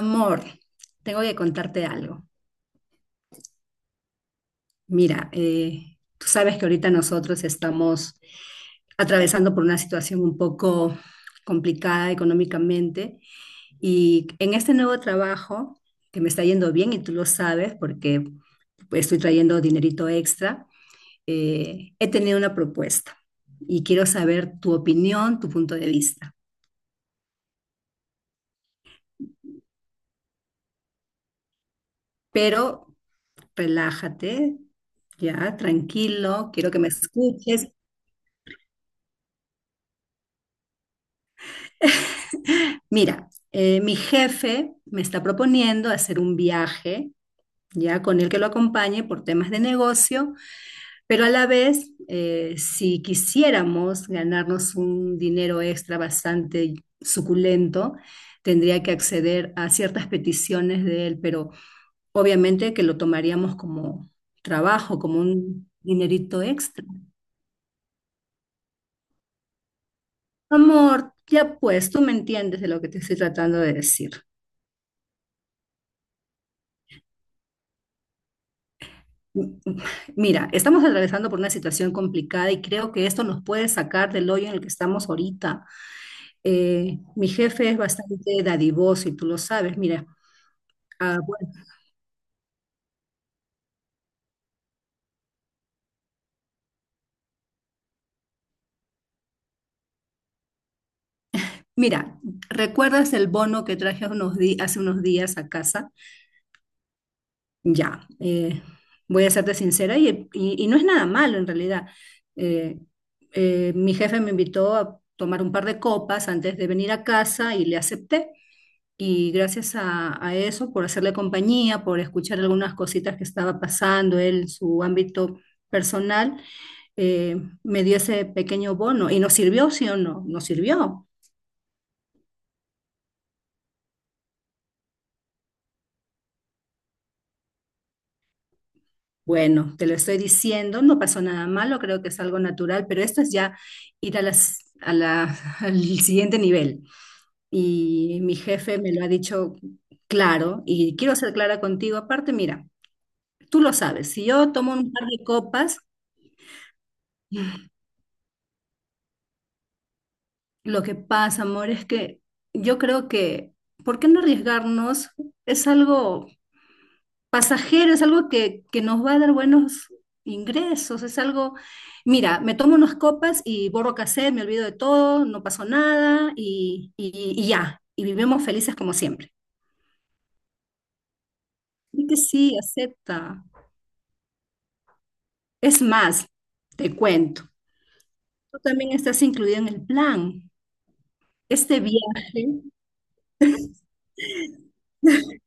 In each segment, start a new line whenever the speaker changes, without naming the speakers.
Amor, tengo que contarte algo. Mira, tú sabes que ahorita nosotros estamos atravesando por una situación un poco complicada económicamente y en este nuevo trabajo, que me está yendo bien y tú lo sabes porque pues, estoy trayendo dinerito extra, he tenido una propuesta y quiero saber tu opinión, tu punto de vista. Pero relájate, ya, tranquilo, quiero que me escuches. Mira, mi jefe me está proponiendo hacer un viaje, ya con el que lo acompañe por temas de negocio, pero a la vez, si quisiéramos ganarnos un dinero extra bastante suculento, tendría que acceder a ciertas peticiones de él, pero obviamente que lo tomaríamos como trabajo, como un dinerito extra. Amor, ya pues, tú me entiendes de lo que te estoy tratando de decir. M- m- Mira, estamos atravesando por una situación complicada y creo que esto nos puede sacar del hoyo en el que estamos ahorita. Mi jefe es bastante dadivoso y tú lo sabes. Mira, ah, bueno, mira, ¿recuerdas el bono que traje hace unos días a casa? Ya, voy a serte sincera y, y no es nada malo en realidad. Eh, mi jefe me invitó a tomar un par de copas antes de venir a casa y le acepté. Y gracias a eso, por hacerle compañía, por escuchar algunas cositas que estaba pasando él, en su ámbito personal, eh, me dio ese pequeño bono. ¿Y nos sirvió, sí o no? Nos sirvió. Bueno, te lo estoy diciendo, no pasó nada malo, creo que es algo natural, pero esto es ya ir a la, al siguiente nivel. Y mi jefe me lo ha dicho claro, y quiero ser clara contigo. Aparte, mira, tú lo sabes, si yo tomo un par de copas. Lo que pasa, amor, es que yo creo que, ¿por qué no arriesgarnos? Es algo pasajero, es algo que nos va a dar buenos ingresos, es algo, mira, me tomo unas copas y borro cassette, me olvido de todo, no pasó nada y, y ya, y vivimos felices como siempre. Y que sí, acepta. Es más, te cuento, tú también estás incluido en el plan. Este viaje,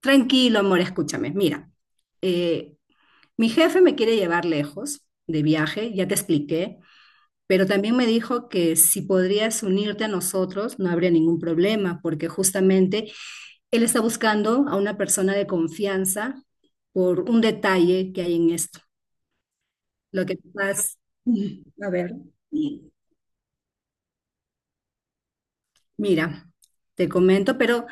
tranquilo, amor, escúchame, mira. eh, Mi jefe me quiere llevar lejos de viaje, ya te expliqué, pero también me dijo que si podrías unirte a nosotros no habría ningún problema, porque justamente él está buscando a una persona de confianza por un detalle que hay en esto. Lo que pasa, a ver, mira, te comento, pero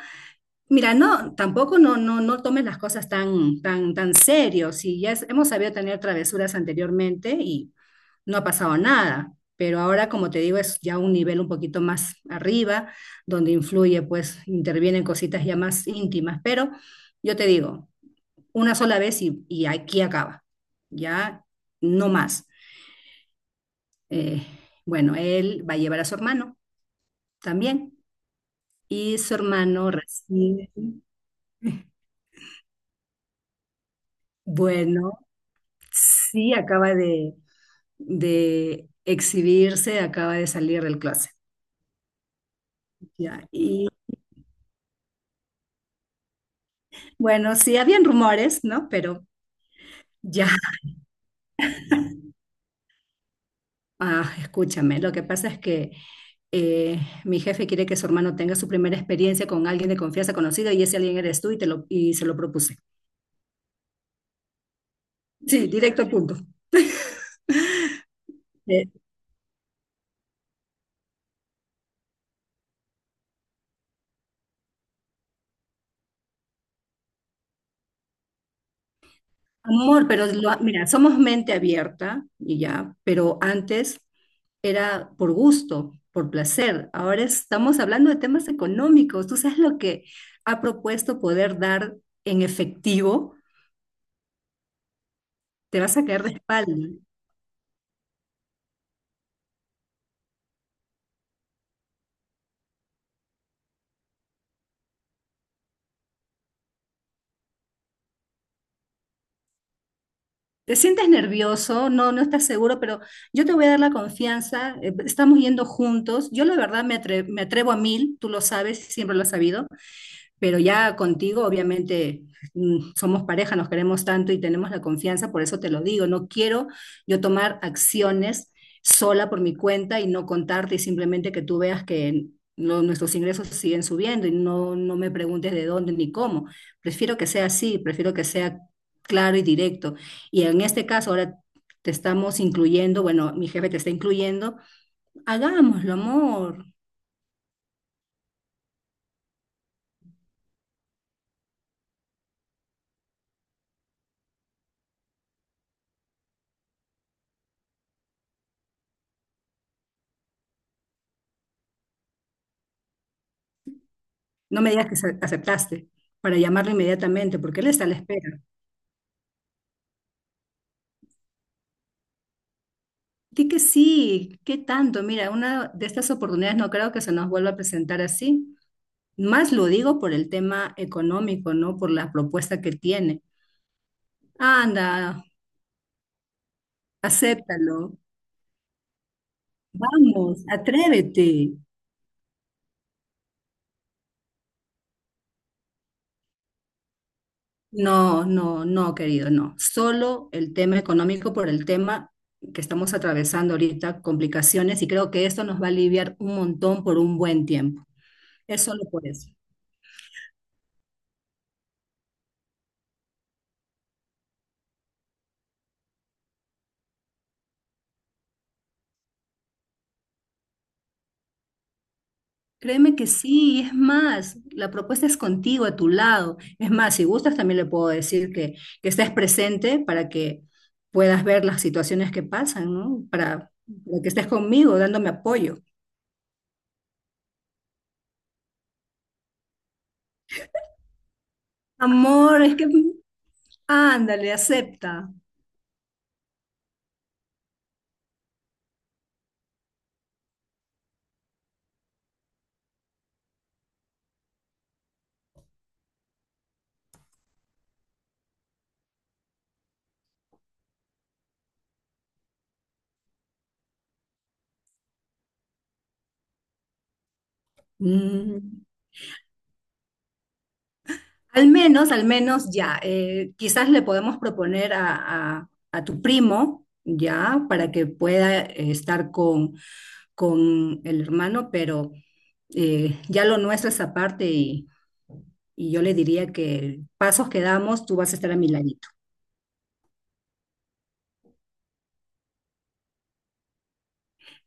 mira, no, tampoco no, no, no tomes las cosas tan, tan, tan serio. Si ya hemos sabido tener travesuras anteriormente y no ha pasado nada, pero ahora, como te digo, es ya un nivel un poquito más arriba, donde influye, pues intervienen cositas ya más íntimas, pero yo te digo, una sola vez y aquí acaba, ya no más. Eh, bueno, él va a llevar a su hermano también y su hermano recibe, bueno, sí, acaba de exhibirse, acaba de salir del closet, ya, y bueno, sí, habían rumores, ¿no? Pero ya, ah, escúchame, lo que pasa es que eh, mi jefe quiere que su hermano tenga su primera experiencia con alguien de confianza conocido y ese alguien eres tú y, y se lo propuse. Sí, directo al punto. Eh, amor, pero mira, somos mente abierta y ya, pero antes era por gusto, por placer. Ahora estamos hablando de temas económicos. ¿Tú sabes lo que ha propuesto poder dar en efectivo? Te vas a caer de espalda. Te sientes nervioso, no, no estás seguro, pero yo te voy a dar la confianza, estamos yendo juntos. Yo la verdad me atrevo a mil, tú lo sabes, siempre lo has sabido, pero ya contigo, obviamente, somos pareja, nos queremos tanto y tenemos la confianza, por eso te lo digo, no quiero yo tomar acciones sola por mi cuenta y no contarte y simplemente que tú veas que nuestros ingresos siguen subiendo y no, no me preguntes de dónde ni cómo. Prefiero que sea así, prefiero que sea claro y directo. Y en este caso, ahora te estamos incluyendo, bueno, mi jefe te está incluyendo, hagámoslo, amor. No me digas que aceptaste para llamarlo inmediatamente, porque él está a la espera. Di que sí, qué tanto. Mira, una de estas oportunidades no creo que se nos vuelva a presentar así. Más lo digo por el tema económico, ¿no? Por la propuesta que tiene. Anda, acéptalo. Vamos, atrévete. No, no, no, querido, no. Solo el tema económico por el tema que estamos atravesando ahorita, complicaciones, y creo que esto nos va a aliviar un montón por un buen tiempo. Es solo por eso. Créeme que sí, y es más, la propuesta es contigo, a tu lado. Es más, si gustas, también le puedo decir que estés presente para que puedas ver las situaciones que pasan, ¿no? Para que estés conmigo, dándome apoyo. Amor, es que, ándale, acepta. Mm. Al menos ya, quizás le podemos proponer a, a tu primo, ya, para que pueda estar con el hermano, pero ya lo nuestro es aparte y yo le diría que pasos que damos, tú vas a estar a mi ladito.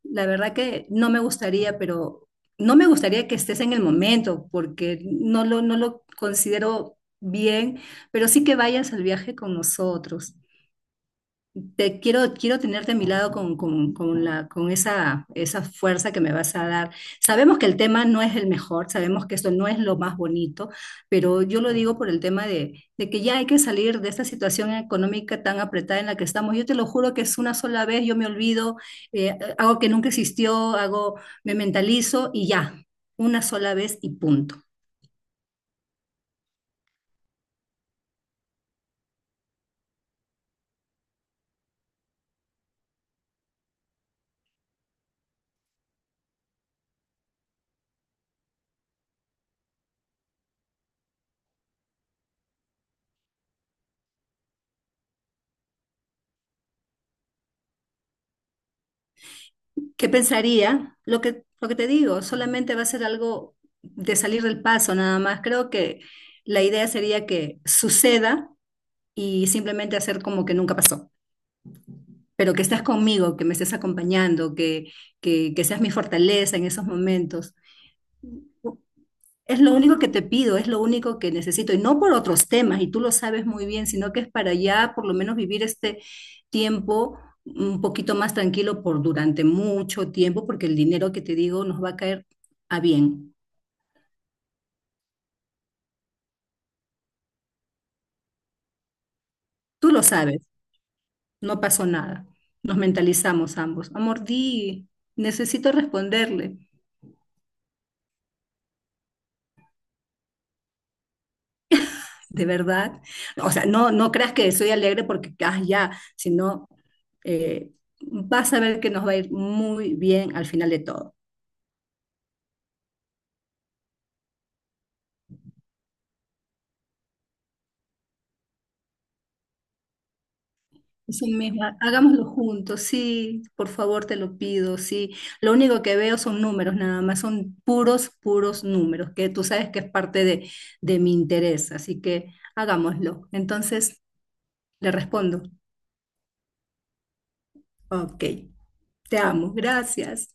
La verdad que no me gustaría, pero no me gustaría que estés en el momento porque no lo, no lo considero bien, pero sí que vayas al viaje con nosotros. Te quiero, quiero tenerte a mi lado con la, con esa, esa fuerza que me vas a dar. Sabemos que el tema no es el mejor, sabemos que esto no es lo más bonito, pero yo lo digo por el tema de que ya hay que salir de esta situación económica tan apretada en la que estamos. Yo te lo juro que es una sola vez, yo me olvido, hago que nunca existió, hago, me mentalizo y ya, una sola vez y punto. ¿Qué pensaría? Lo que te digo, solamente va a ser algo de salir del paso nada más. Creo que la idea sería que suceda y simplemente hacer como que nunca pasó, pero que estás conmigo, que me estés acompañando, que seas mi fortaleza en esos momentos. Es lo único que te pido, es lo único que necesito, y no por otros temas, y tú lo sabes muy bien, sino que es para ya por lo menos vivir este tiempo un poquito más tranquilo por durante mucho tiempo, porque el dinero que te digo nos va a caer a bien. Tú lo sabes, no pasó nada. Nos mentalizamos ambos. Amor, di, necesito responderle, de verdad. O sea, no, no creas que soy alegre porque, ah, ya, sino eh, vas a ver que nos va a ir muy bien al final de todo. Es un mes, hagámoslo juntos, sí, por favor te lo pido, sí. Lo único que veo son números, nada más, son puros, puros números, que tú sabes que es parte de mi interés, así que hagámoslo. Entonces le respondo, ok, te amo, gracias.